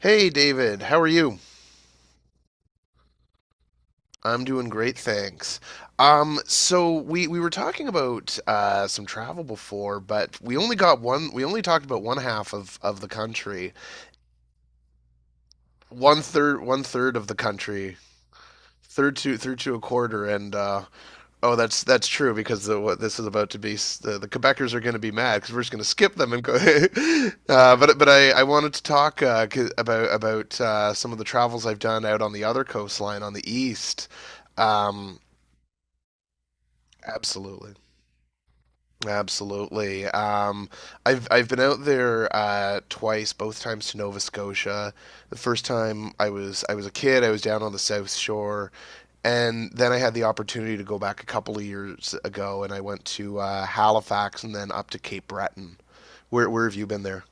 Hey David, how are you? I'm doing great, thanks. So we were talking about some travel before, but we only got one. We only talked about one half of the country, one third of the country, third to through to a quarter. And oh, that's true because what this is about to be the Quebecers are going to be mad because we're just going to skip them and go. I wanted to talk about some of the travels I've done out on the other coastline on the east. Um, Absolutely. Absolutely. I've been out there twice, both times to Nova Scotia. The first time I was a kid, I was down on the South Shore, and then I had the opportunity to go back a couple of years ago, and I went to Halifax and then up to Cape Breton. Where have you been there?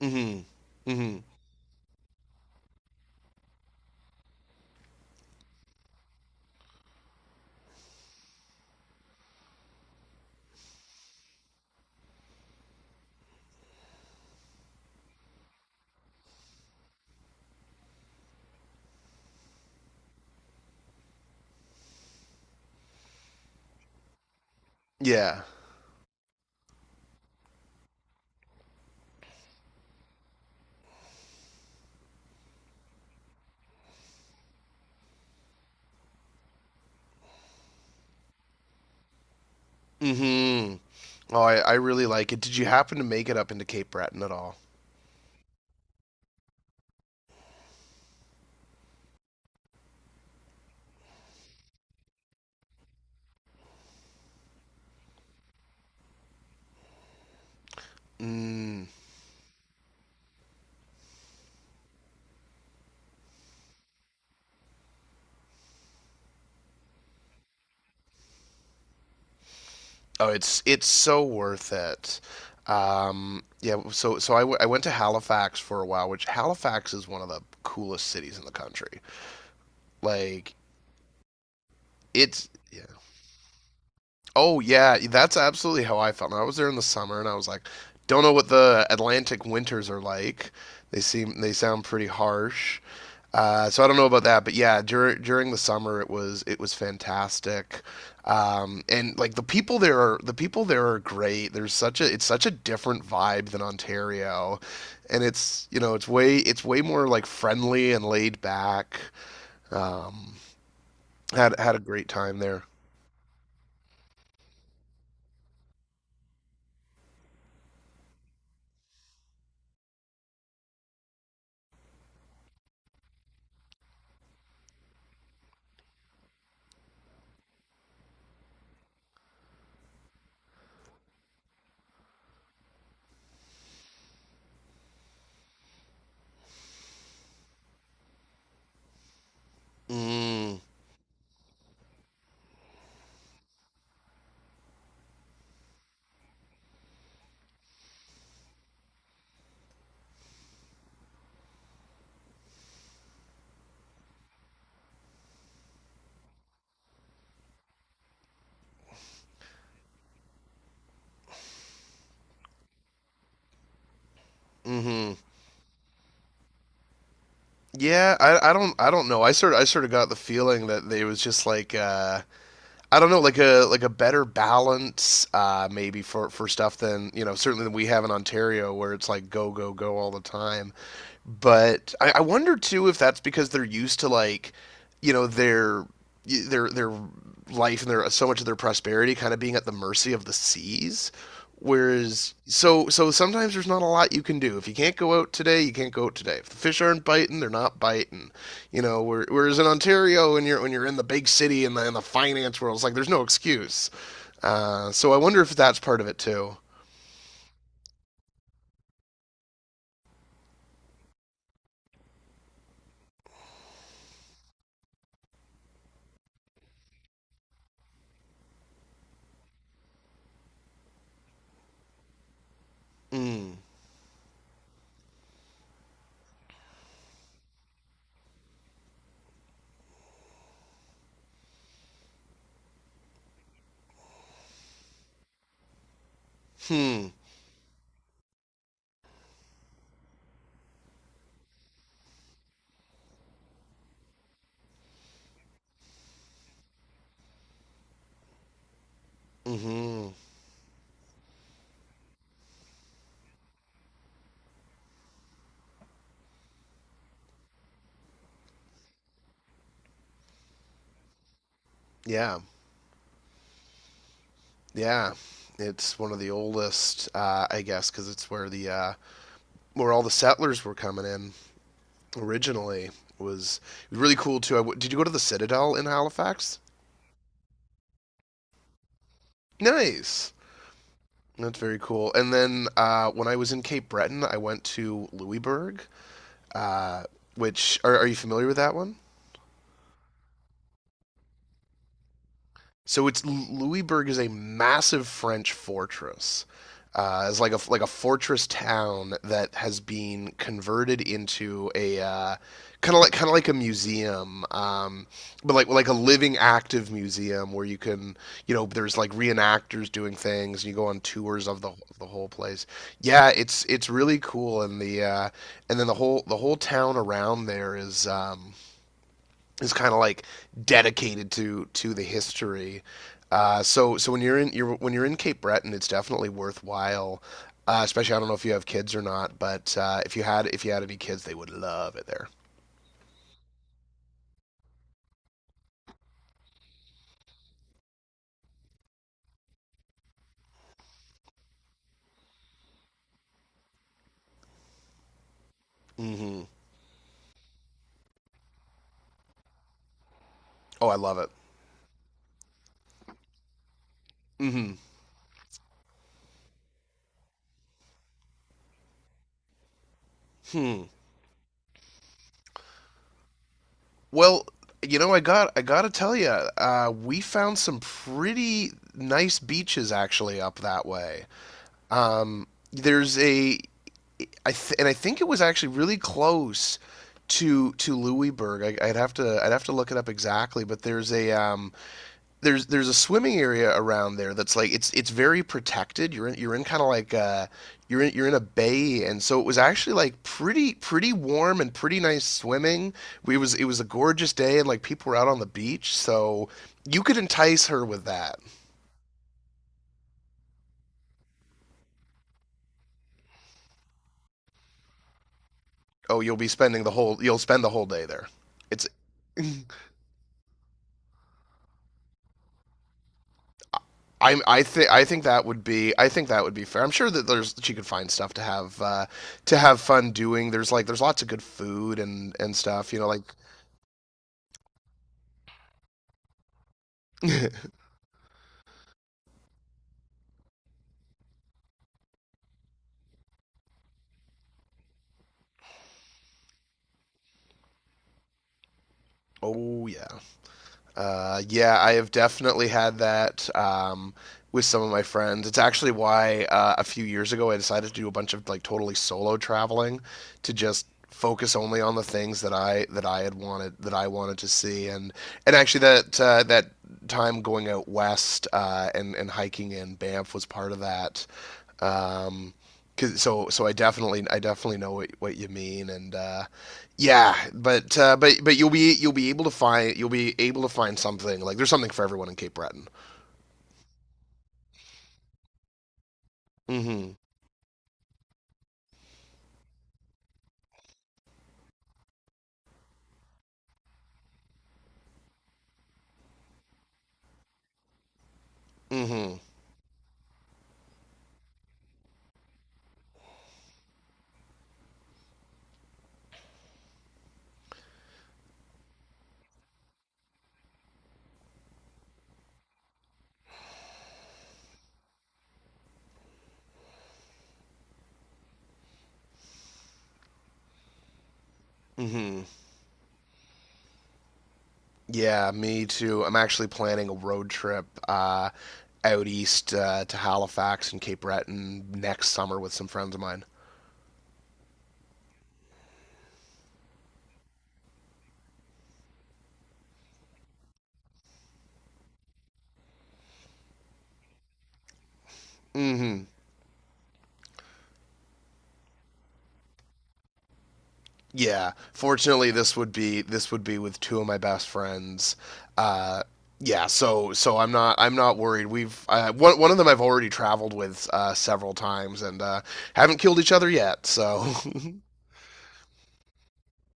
Mm-hmm. Mm-hmm. Yeah. Mm-hmm. I really like it. Did you happen to make it up into Cape Breton at all? Mm. Oh, it's so worth it. I went to Halifax for a while, which Halifax is one of the coolest cities in the country. Like it's yeah, oh yeah, that's absolutely how I felt. And I was there in the summer, and I was like, don't know what the Atlantic winters are like. They sound pretty harsh. So I don't know about that, but yeah, during the summer it was fantastic, and like the people there are great. There's such a it's such a different vibe than Ontario, and it's it's way more like friendly and laid back. Um, had a great time there. Mm, hmm Yeah, I don't know. I sort of got the feeling that they was just like I don't know, like a better balance maybe for stuff than certainly than we have in Ontario where it's like go go go all the time. But I wonder too if that's because they're used to like, you know, their life and their so much of their prosperity kind of being at the mercy of the seas. Whereas, so sometimes there's not a lot you can do. If you can't go out today, you can't go out today. If the fish aren't biting, they're not biting. You know, whereas in Ontario, when you're in the big city and in the finance world, it's like there's no excuse. So I wonder if that's part of it too. Mm. Hmm. Hmm. Yeah. Yeah, it's one of the oldest, I guess, because it's where the where all the settlers were coming in originally. Was it was really cool too. Did you go to the Citadel in Halifax? Nice. That's very cool. And then when I was in Cape Breton, I went to Louisbourg, uh, which are you familiar with that one? So it's Louisbourg is a massive French fortress. It's like a fortress town that has been converted into a kind of like a museum, but like a living active museum where you can you know there's like reenactors doing things and you go on tours of the whole place. Yeah, it's really cool and the and then the whole town around there is. Is kind of like dedicated to the history. So when when you're in Cape Breton, it's definitely worthwhile. Especially, I don't know if you have kids or not, but if you had any kids, they would love it there. Hmm. Oh, I love it. Hmm. Hmm. Well, you know, I gotta tell you, we found some pretty nice beaches actually up that way. Um, there's a I th- and I think it was actually really close to Louisburg. I would have to look it up exactly, but there's a there's there's a swimming area around there that's like it's very protected. You're in kind of like a, you're in a bay, and so it was actually like pretty warm and pretty nice swimming. We was it was a gorgeous day, and like people were out on the beach, so you could entice her with that. Oh, you'll spend the whole day there. It's I think that would be fair. I'm sure that there's she could find stuff to have fun doing. There's like there's lots of good food and stuff. You know, like oh yeah, yeah, I have definitely had that with some of my friends. It's actually why a few years ago I decided to do a bunch of like totally solo traveling to just focus only on the things that I had wanted that I wanted to see and actually that time going out west and hiking in Banff was part of that. Um, Cause, so I definitely know what you mean and yeah but you'll be able to find something like there's something for everyone in Cape Breton. Mm-hmm. Mm-hmm. Mm-hmm. Yeah, me too. I'm actually planning a road trip out east to Halifax and Cape Breton next summer with some friends of mine. Mm-hmm. Yeah, fortunately, this would be with two of my best friends. Uh, yeah, so I'm not worried. We've one of them I've already traveled with several times and haven't killed each other yet. So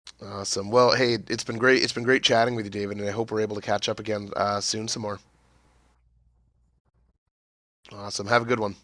awesome. Well, hey, it's been great. It's been great chatting with you, David, and I hope we're able to catch up again soon some more. Awesome. Have a good one.